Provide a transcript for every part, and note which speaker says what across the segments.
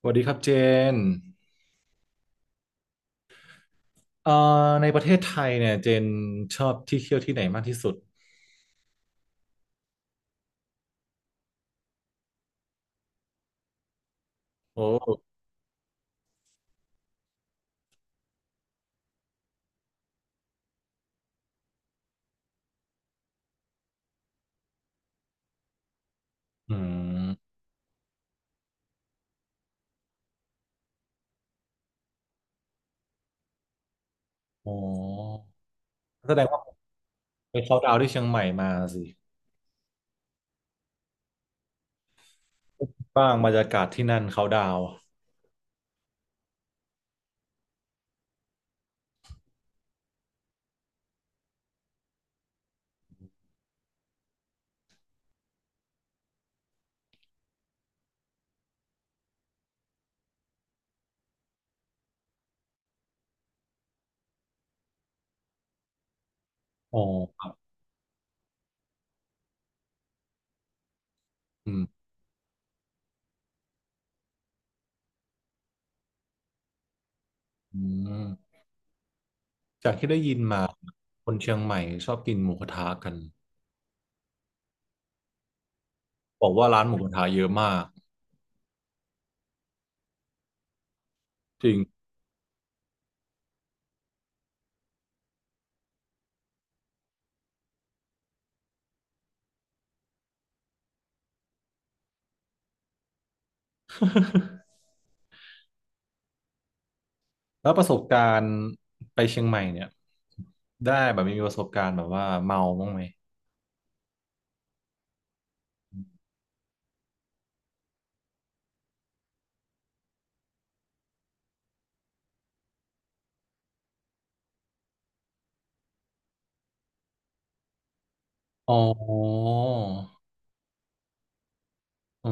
Speaker 1: สวัสดีครับเจนเอ่อในประเทศไทยเนี่ยเจนชอบที่เที่ยวที่ไหนมากที่สุดโอ้อืมอ๋อแสดงว่าไปเขาดาวน์ที่เชียงใหม่มาสิบ้างบรรยากาศที่นั่นเขาดาวน์อ๋ออืมอืมจากที่ได้ยินมาคนเชียงใหม่ชอบกินหมูกระทะกันบอกว่าร้านหมูกระทะเยอะมากจริง แล้วประสบการณ์ไปเชียงใหม่เนี่ยได้แบบมีประสบการณ์แบบว่าเมาบ้างไหมอ๋อ อื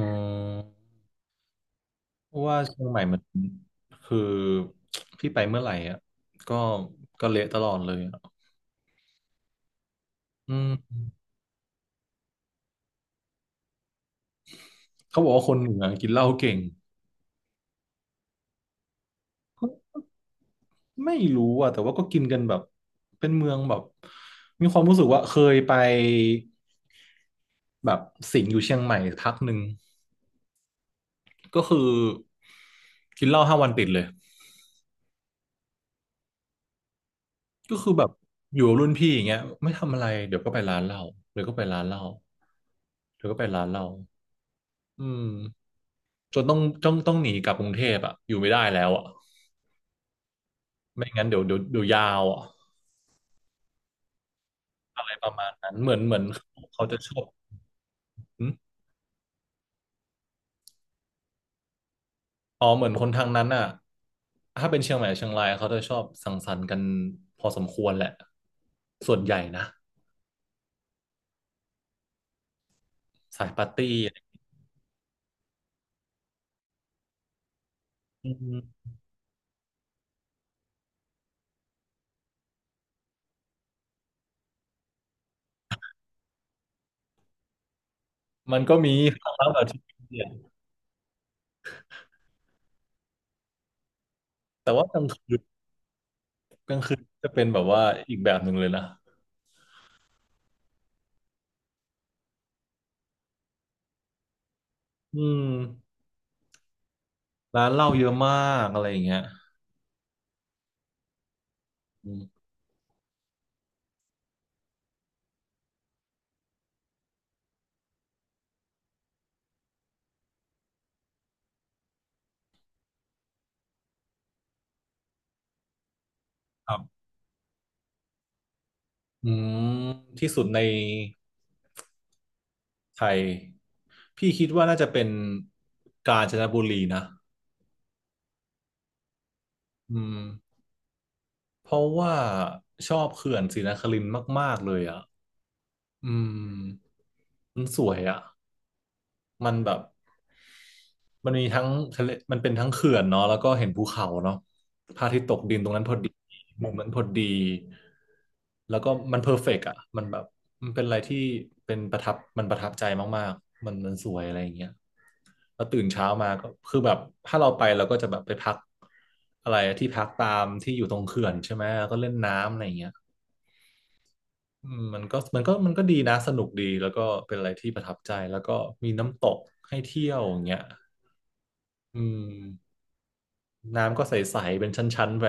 Speaker 1: มเพราะว่าเชียงใหม่มันคือพี่ไปเมื่อไหร่อ่ะก็ก็เละตลอดเลยอ่ะอืมเขาบอกว่าคนเหนือกินเหล้าเก่งไม่รู้อ่ะแต่ว่าก็กินกันแบบเป็นเมืองแบบมีความรู้สึกว่าเคยไปแบบสิงห์อยู่เชียงใหม่พักหนึ่งก็คือกินเหล้าห้าวันติดเลยก็คือแบบอยู่กับรุ่นพี่อย่างเงี้ยไม่ทำอะไรเดี๋ยวก็ไปร้านเหล้าเดี๋ยวก็ไปร้านเหล้าเดี๋ยวก็ไปร้านเหล้าอืม จนต้องหนีกลับกรุงเทพอ่ะอยู่ไม่ได้แล้วอ่ะไม่งั้นเดี๋ยวยาวอ่ะอะไรประมาณนั้นเหมือนเขาจะชอบหึอ๋อเหมือนคนทางนั้นอ่ะถ้าเป็นเชียงใหม่เชียงรายเขาจะชอบสังสรรค์กันพอสมควรแหละส่วนใหญ่นะสายปาร์ตี้อะไรอืมมันก็มี ครั้งแบบที่เนี่ยแต่ว่ากลางคืนกลางคืนจะเป็นแบบว่าอีกแบบหนึ่งเลยนะอืมร้านเหล้าเยอะมากอะไรอย่างเงี้ยอืมครับอืมที่สุดในไทย พี่คิดว่าน่าจะเป็นกาญจนบุรีนะอืมเพราะว่าชอบเขื่อนศรีนครินทร์มากๆเลยอ่ะอืมมันสวยอ่ะมันแบบมันมีทั้งทะเลมันเป็นทั้งเขื่อนเนาะแล้วก็เห็นภูเขาเนาะพระอาทิตย์ตกดินตรงนั้นพอดีมุมนั้นพอดีแล้วก็มันเพอร์เฟกต์อ่ะมันแบบมันเป็นอะไรที่เป็นประทับมันประทับใจมากๆมันมันสวยอะไรอย่างเงี้ย แล้วตื่นเช้ามาก็คือแบบถ้าเราไปเราก็จะแบบไปพักอะไรที่พักตามที่อยู่ตรงเขื่อนใช่ไหมแล้วก็เล่นน้ำอะไรอย่างเงี้ยอืมมันก็ดีนะสนุกดีแล้วก็เป็นอะไรที่ประทับใจแล้วก็มีน้ำตกให้เที่ยวอย่างเงี้ยอืมน้ำก็ใสๆเป็นชั้นๆไป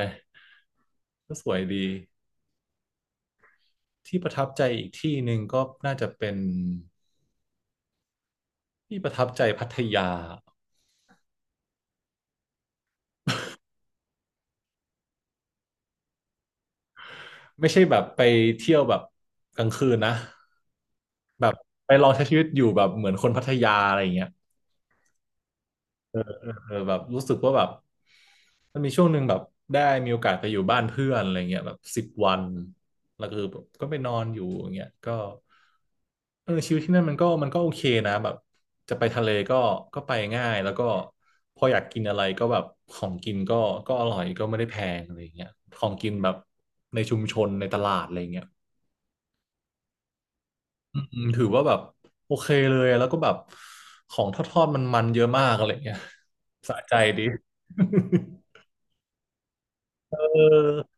Speaker 1: ก็สวยดีที่ประทับใจอีกที่หนึ่งก็น่าจะเป็นที่ประทับใจพัทยาไม่ใช่แบบไปเที่ยวแบบกลางคืนนะไปลองใช้ชีวิตอยู่แบบเหมือนคนพัทยาอะไรอย่างเงี้ย เออแบบรู้สึกว่าแบบมันมีช่วงหนึ่งแบบได้มีโอกาสไปอยู่บ้านเพื่อนอะไรเงี้ยแบบสิบวันแล้วคือแบบก็ไปนอนอยู่อย่างเงี้ยก็เออชีวิตที่นั่นมันก็โอเคนะแบบจะไปทะเลก็ก็ไปง่ายแล้วก็พออยากกินอะไรก็แบบของกินก็ก็อร่อยก็ไม่ได้แพงอะไรเงี้ยของกินแบบในชุมชนในตลาดอะไรเงี้ยอืมถือว่าแบบโอเคเลยแล้วก็แบบของทอดๆมันๆเยอะมากอะไรเงี้ยสะใจดี เออ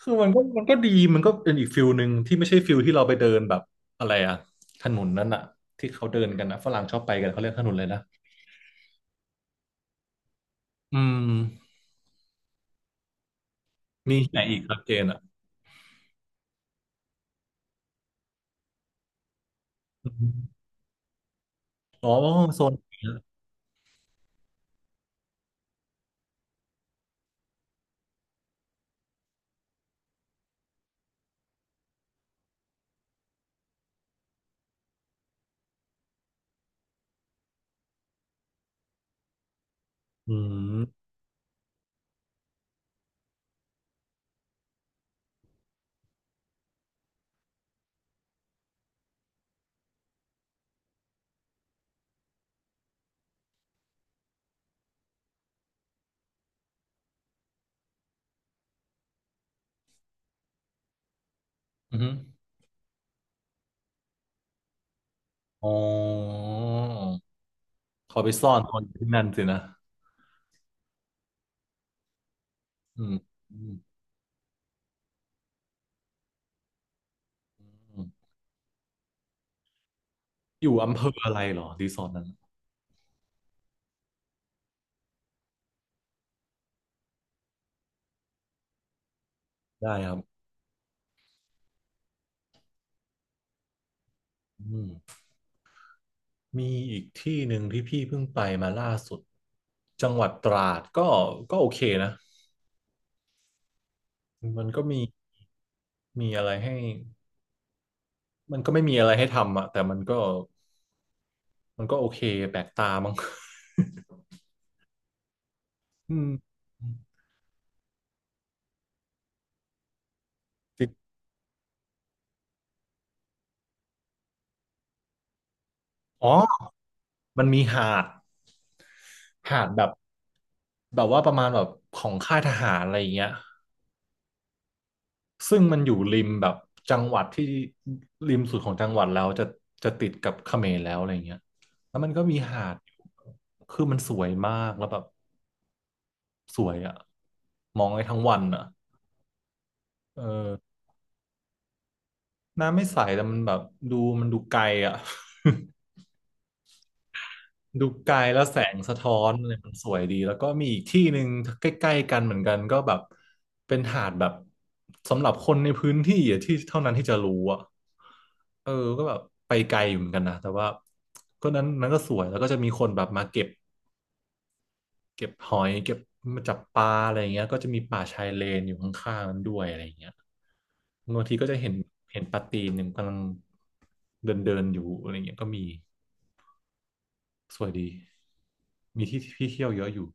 Speaker 1: คือมันก็ดี มันก็เป็นอีกฟิลหนึ่งที่ไม่ใช่ฟิลที่เราไปเดินแบบอะไรอะถนนนั้นอะที่เขาเดินกันนะฝรั่งชอบไปกันเขาเรียกถนนเลยนะอืมมีที่ไหนอีกครับเจนอะอมอ๋อโซนนี้นะอืมอืมอ๋อเขาไปซ่อนตอนอยู่ที่นั่นสินะอืมอืมอืมอยู่อำเภออะไรเหรอรีสอร์ทนั้นได้ครับอืมมีอีกที่หนึ่งที่พี่เพิ่งไปมาล่าสุดจังหวัดตราดก็ก็โอเคนะ มันก็มีมีอะไรให้มันก็ไม่มีอะไรให้ทำอะแต่มันก็โอเคแปลกตามั้ง อืมจริงอ๋อมันมีหาดหาดแบบแบบว่าประมาณแบบของค่ายทหารอะไรอย่างเงี้ยซึ่งมันอยู่ริมแบบจังหวัดที่ริมสุดของจังหวัดแล้วจะจะติดกับเขมรแล้วอะไรอย่างเงี้ยแล้วมันก็มีหาดอยู่คือมันสวยมากแล้วแบบสวยอะมองได้ทั้งวันอะเออ น้ำไม่ใสแต่มันแบบดูมันดูไกลอ่ะ ดูไกลแล้วแสงสะท้อนอะไรมันสวยดีแล้วก็มีอีกที่หนึ่งใกล้ๆกันเหมือนกันก็แบบเป็นหาดแบบสำหรับคนในพื้นที่อะที่เท่านั้นที่จะรู้อ่ะเออก็แบบไปไกลอยู่เหมือนกันนะแต่ว่าก็นั้นก็สวยแล้วก็จะมีคนแบบมาเก็บ เก็บหอยเก็บมาจับปลาอะไรอย่างเงี้ยก็จะมีป่าชายเลนอยู่ข้างๆนั้นด้วยอะไรอย่างเงี้ยบางทีก็จะเห็นเห็นปลาตีนหนึ่งกำลังเดินเดินอยู่อะไรเงี้ยก็มีสวยดีมีที่ที่เที่ยวเยอะอยู่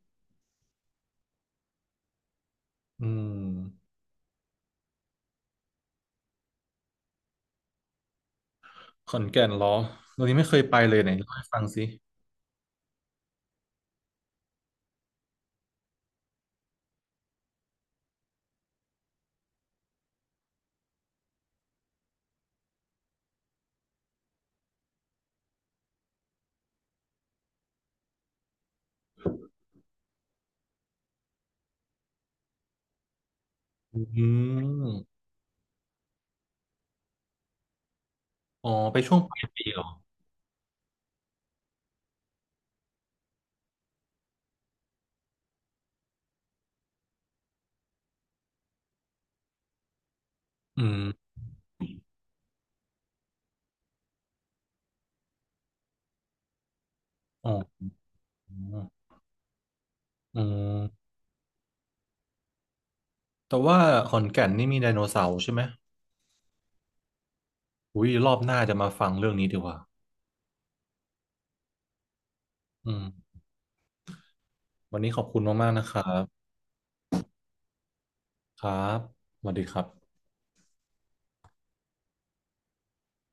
Speaker 1: อืมขอนแก่นเหรอตอนนี้ไม่เคยไปเลยไหนเล่าให้ฟังสิอืมอ๋อไปช่วงปลายปีเหรออืมอ๋ออืมแต่ว่าขอนแก่นนี่มีไดโนเสาร์ใช่ไหมอุ้ยรอบหน้าจะมาฟังเรื่องนี้ดีกว่าอืม วันนี้ขอบคุณมากๆนะครับครับสวัสดีครับ